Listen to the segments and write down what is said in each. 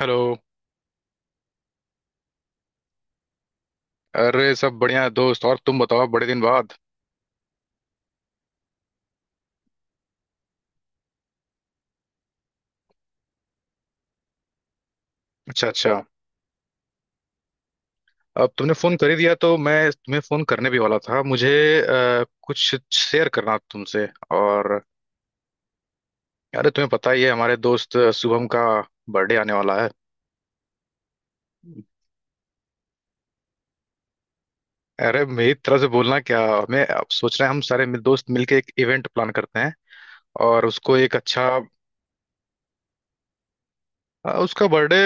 Hello. अरे सब बढ़िया है दोस्त। और तुम बताओ, बड़े दिन बाद। अच्छा अच्छा। अब तुमने फोन कर ही दिया, तो मैं तुम्हें फोन करने भी वाला था। मुझे कुछ शेयर करना था तुमसे। और अरे, तुम्हें पता ही है हमारे दोस्त शुभम का बर्थडे आने वाला है। अरे मेरी तरफ से बोलना क्या, हमें अब सोच रहे हैं हम सारे दोस्त मिलके एक इवेंट प्लान करते हैं। और उसको एक अच्छा। उसका बर्थडे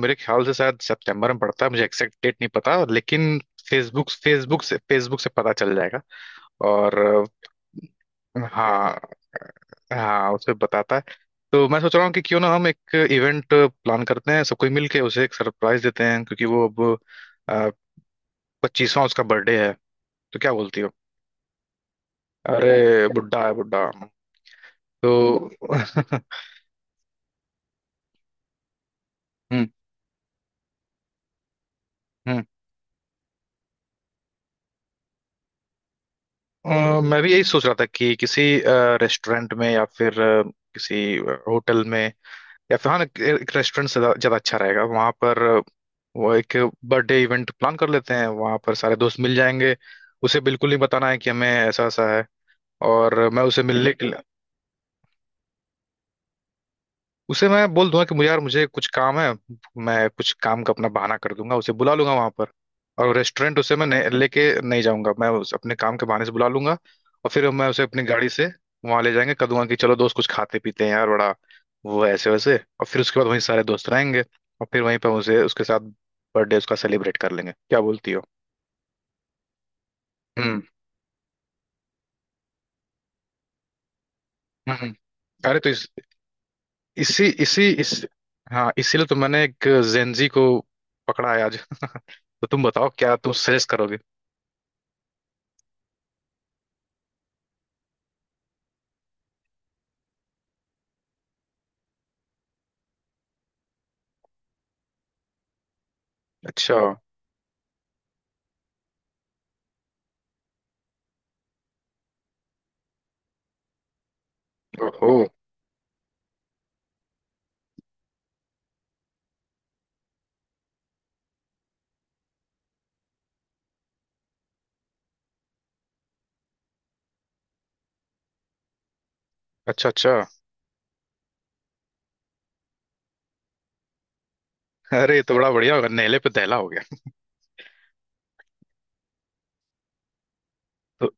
मेरे ख्याल से शायद सितंबर में पड़ता है। मुझे एग्जैक्ट डेट नहीं पता, लेकिन फेसबुक फेसबुक से पता चल जाएगा। और हाँ हाँ, उसे बताता है। तो मैं सोच रहा हूँ कि क्यों ना हम एक इवेंट प्लान करते हैं, सब कोई मिलके उसे एक सरप्राइज देते हैं, क्योंकि वो अब 25वां उसका बर्थडे है। तो क्या बोलती हो। अरे बुड्ढा है बुड्ढा। तो हम्म हम्म। मैं भी यही सोच रहा था कि किसी रेस्टोरेंट में या फिर किसी होटल में, या फिर हाँ एक रेस्टोरेंट से ज्यादा अच्छा रहेगा। वहां पर वो एक बर्थडे इवेंट प्लान कर लेते हैं, वहां पर सारे दोस्त मिल जाएंगे। उसे बिल्कुल नहीं बताना है कि हमें ऐसा ऐसा है। और मैं उसे मिलने के लिए उसे मैं बोल दूंगा कि मुझे यार मुझे कुछ काम है। मैं कुछ काम का अपना बहाना कर दूंगा, उसे बुला लूंगा वहां पर। और रेस्टोरेंट उसे मैं लेके नहीं जाऊंगा, मैं उस अपने काम के बहाने से बुला लूंगा। और फिर मैं उसे अपनी गाड़ी से वहां ले जाएंगे, कह दूंगा कि चलो दोस्त कुछ खाते पीते हैं यार, बड़ा वो है ऐसे वैसे। और फिर उसके बाद वहीं सारे दोस्त रहेंगे, और फिर वहीं पर उसे उसके साथ बर्थडे उसका सेलिब्रेट कर लेंगे। क्या बोलती हो। हम्म। हम्म। हम्म। अरे तो इस हाँ इसीलिए तो मैंने एक जेंजी को पकड़ा है आज। तो तुम बताओ क्या तुम सजेस्ट करोगे। अच्छा। ओहो। अच्छा अच्छा। अरे ये तो बड़ा बढ़िया होगा, नेले पे दहला हो गया। तो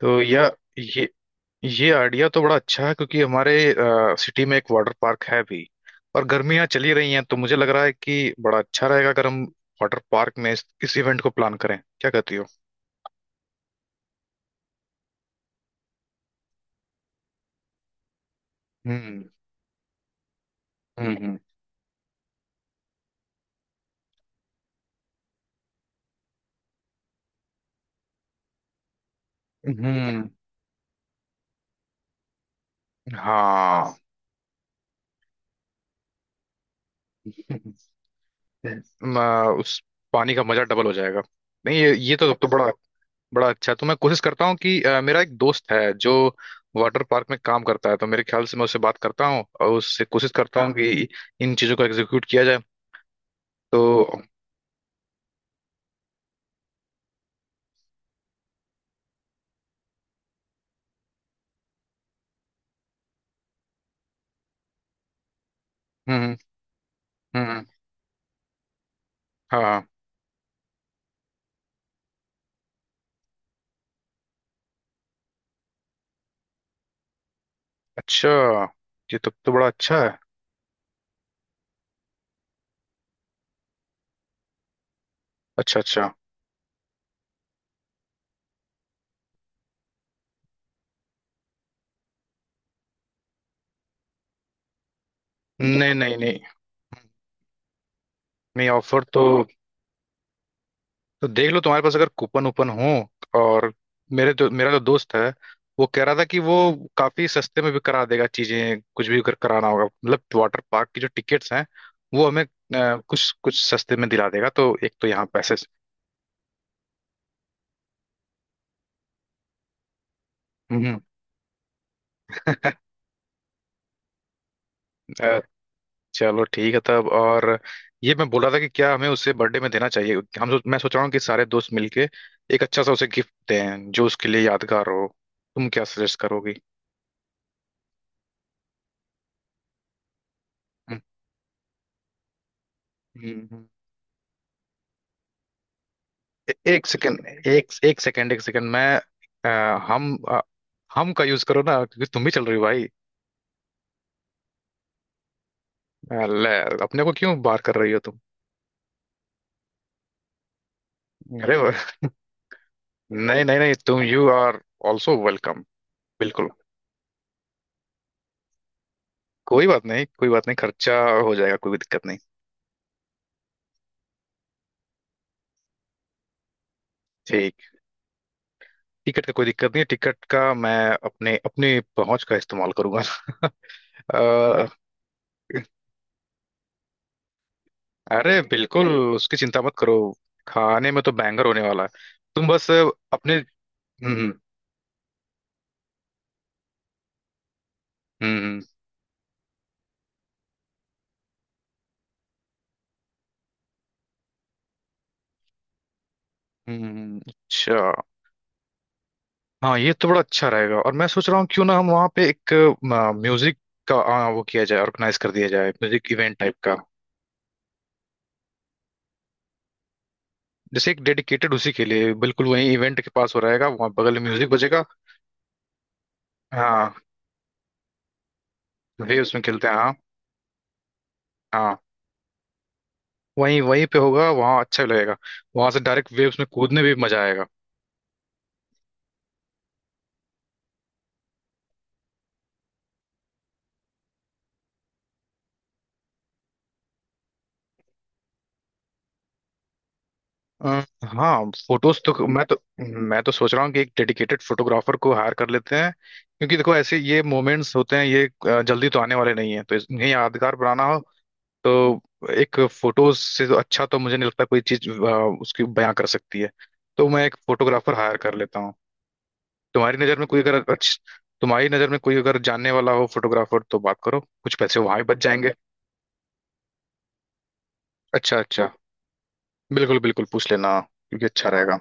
तो यह ये ये आइडिया तो बड़ा अच्छा है, क्योंकि हमारे सिटी में एक वाटर पार्क है भी, और गर्मियां चली रही हैं। तो मुझे लग रहा है कि बड़ा अच्छा रहेगा अगर हम वाटर पार्क में इस इवेंट को प्लान करें। क्या कहती हो। हम्म हम्म। हम्म। हाँ। उस पानी का मजा डबल हो जाएगा। नहीं, ये तो बड़ा बड़ा अच्छा। तो मैं कोशिश करता हूँ कि मेरा एक दोस्त है जो वाटर पार्क में काम करता है। तो मेरे ख्याल से मैं उससे बात करता हूँ और उससे कोशिश करता हूँ हाँ कि इन चीज़ों को एग्जीक्यूट किया जाए। तो हम्म हम्म। हम्म। हाँ। अच्छा ये तो बड़ा अच्छा है। अच्छा अच्छा। नहीं नहीं, ऑफर तो देख लो, तुम्हारे पास अगर कूपन वूपन हो। और मेरे जो मेरा जो दोस्त है, वो कह रहा था कि वो काफी सस्ते में भी करा देगा चीजें। कुछ भी अगर कराना होगा, मतलब वाटर पार्क की जो टिकट्स हैं, वो हमें कुछ कुछ सस्ते में दिला देगा। तो एक तो यहाँ पैसे। हम्म। अ, चलो ठीक है तब। और ये मैं बोल रहा था कि क्या हमें उसे बर्थडे में देना चाहिए। मैं सोच रहा हूँ कि सारे दोस्त मिलके एक अच्छा सा उसे गिफ्ट दें, जो उसके लिए यादगार हो। तुम क्या सजेस्ट करोगी। हम्म हम्म। एक सेकंड, एक एक सेकंड, एक सेकंड मैं अ, हम हम का यूज करो ना, क्योंकि तुम भी चल रही हो भाई। अ, ले, अपने को क्यों बार कर रही हो तुम। अरे वो- नहीं नहीं नहीं, तुम यू आर ऑल्सो वेलकम। बिल्कुल। कोई बात नहीं, कोई बात नहीं, खर्चा हो जाएगा, कोई भी दिक्कत नहीं। ठीक। टिकट का कोई दिक्कत नहीं है, टिकट का मैं अपने अपनी पहुंच का इस्तेमाल करूंगा। अ, अरे बिल्कुल, उसकी चिंता मत करो, खाने में तो बैंगर होने वाला है। तुम बस अपने। हम्म हम्म। अच्छा। हाँ ये तो बड़ा अच्छा रहेगा। और मैं सोच रहा हूँ क्यों ना हम वहाँ पे एक म्यूजिक का वो किया जाए, ऑर्गेनाइज कर दिया जाए, म्यूजिक इवेंट टाइप का। जैसे एक डेडिकेटेड उसी के लिए, बिल्कुल वहीं इवेंट के पास हो रहेगा, वहाँ बगल में म्यूजिक बजेगा। हाँ, वेव्स में खेलते हैं हाँ। हाँ वहीं वहीं पे होगा, वहाँ अच्छा लगेगा। वहां से डायरेक्ट वेव्स में कूदने भी मजा आएगा। अ, हाँ, फोटोज तो मैं तो सोच रहा हूँ कि एक डेडिकेटेड फोटोग्राफर को हायर कर लेते हैं। क्योंकि देखो, ऐसे ये मोमेंट्स होते हैं ये जल्दी तो आने वाले नहीं है, तो इन्हें यादगार बनाना हो, तो एक फोटोज से तो अच्छा तो मुझे नहीं लगता कोई चीज उसकी बयां कर सकती है। तो मैं एक फोटोग्राफर हायर कर लेता हूँ। तुम्हारी नजर में कोई अगर अच्छ, तुम्हारी नजर में कोई अगर जानने वाला हो फोटोग्राफर, तो बात करो, कुछ पैसे वहां भी बच जाएंगे। अच्छा अच्छा। बिल्कुल बिल्कुल पूछ लेना, क्योंकि अच्छा रहेगा।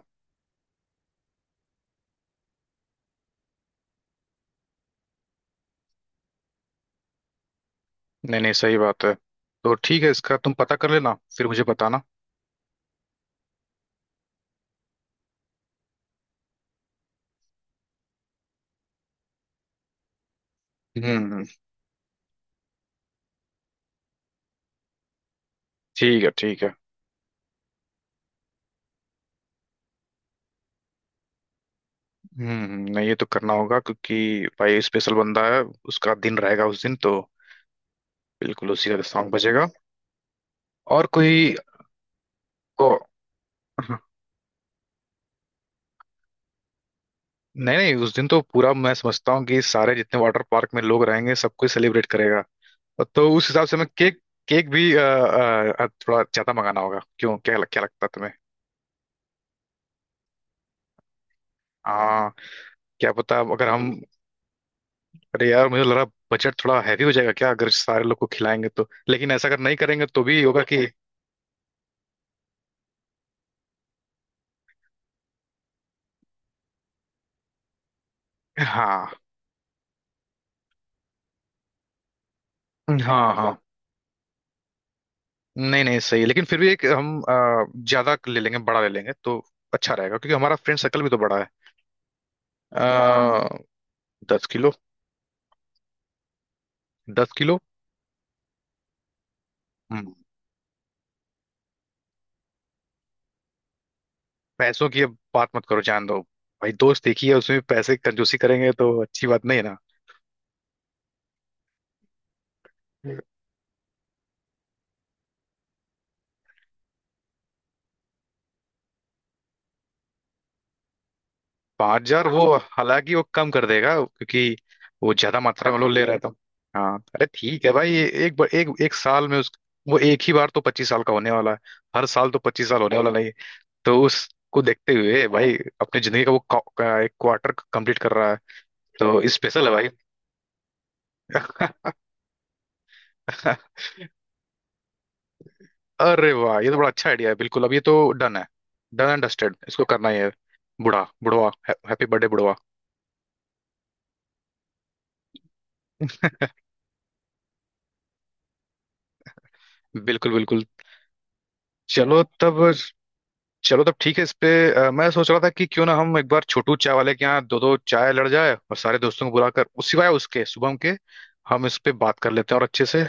नहीं नहीं, सही बात है। तो ठीक है, इसका तुम पता कर लेना, फिर मुझे बताना। हम्म। ठीक है ठीक है। हम्म। नहीं ये तो करना होगा, क्योंकि भाई स्पेशल बंदा है, उसका दिन रहेगा उस दिन तो, बिल्कुल उसी का सॉन्ग बजेगा। और कोई को। नहीं नहीं, उस दिन तो पूरा मैं समझता हूँ कि सारे जितने वाटर पार्क में लोग रहेंगे सबको सेलिब्रेट करेगा। तो उस हिसाब से मैं केक केक भी थोड़ा ज्यादा मंगाना होगा। क्या लगता है तुम्हें। हाँ, क्या पता अगर हम। अरे यार मुझे लग रहा बजट थोड़ा हैवी हो जाएगा क्या, अगर सारे लोग को खिलाएंगे तो। लेकिन ऐसा अगर नहीं करेंगे तो भी होगा कि हाँ हाँ हाँ नहीं नहीं सही है। लेकिन फिर भी एक हम ज्यादा ले लेंगे, बड़ा ले लेंगे तो अच्छा रहेगा, क्योंकि हमारा फ्रेंड सर्कल भी तो बड़ा है। आ, 10 किलो। 10 किलो। हम्म, पैसों की अब बात मत करो जान दो। भाई दोस्त एक ही है, उसमें पैसे की कंजूसी करेंगे तो अच्छी बात नहीं है। ना 5 हजार, वो हालांकि वो कम कर देगा, क्योंकि वो ज्यादा मात्रा में लोन ले रहा था। हाँ, अरे ठीक है भाई, एक बार एक एक साल में उस वो एक ही बार तो 25 साल का होने वाला है। हर साल तो 25 साल होने वाला नहीं है। तो उसको देखते हुए भाई अपनी जिंदगी का का एक क्वार्टर कंप्लीट कर रहा है। तो स्पेशल है भाई। अरे वाह ये तो बड़ा अच्छा आइडिया है, बिल्कुल। अब ये तो डन है। डन एंड डस्टेड, इसको करना ही है। बुढ़ा बुढ़वा, हैप्पी बर्थडे बुढ़वा। बिल्कुल बिल्कुल। चलो तब, चलो तब ठीक है। इस पे मैं सोच रहा था कि क्यों ना हम एक बार छोटू चाय वाले के यहाँ दो दो चाय लड़ जाए, और सारे दोस्तों को बुलाकर उस सिवाय उसके शुभम के, हम इस पे बात कर लेते हैं और अच्छे से।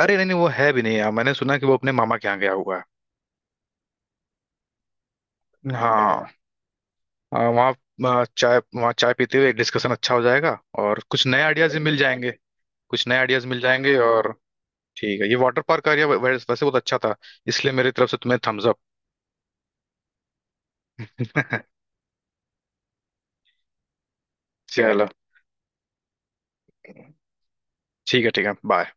अरे नहीं नहीं, वो है भी नहीं यहाँ, मैंने सुना कि वो अपने मामा के यहाँ गया हुआ है। हाँ अ, वहाँ वहाँ चाय पीते हुए डिस्कशन अच्छा हो जाएगा और कुछ नए आइडियाज भी मिल जाएंगे। कुछ नए आइडियाज मिल जाएंगे। और ठीक है, ये वाटर पार्क का एरिया वैसे बहुत अच्छा था, इसलिए मेरी तरफ से तुम्हें थम्स अप। चलो, ठीक है ठीक है, बाय।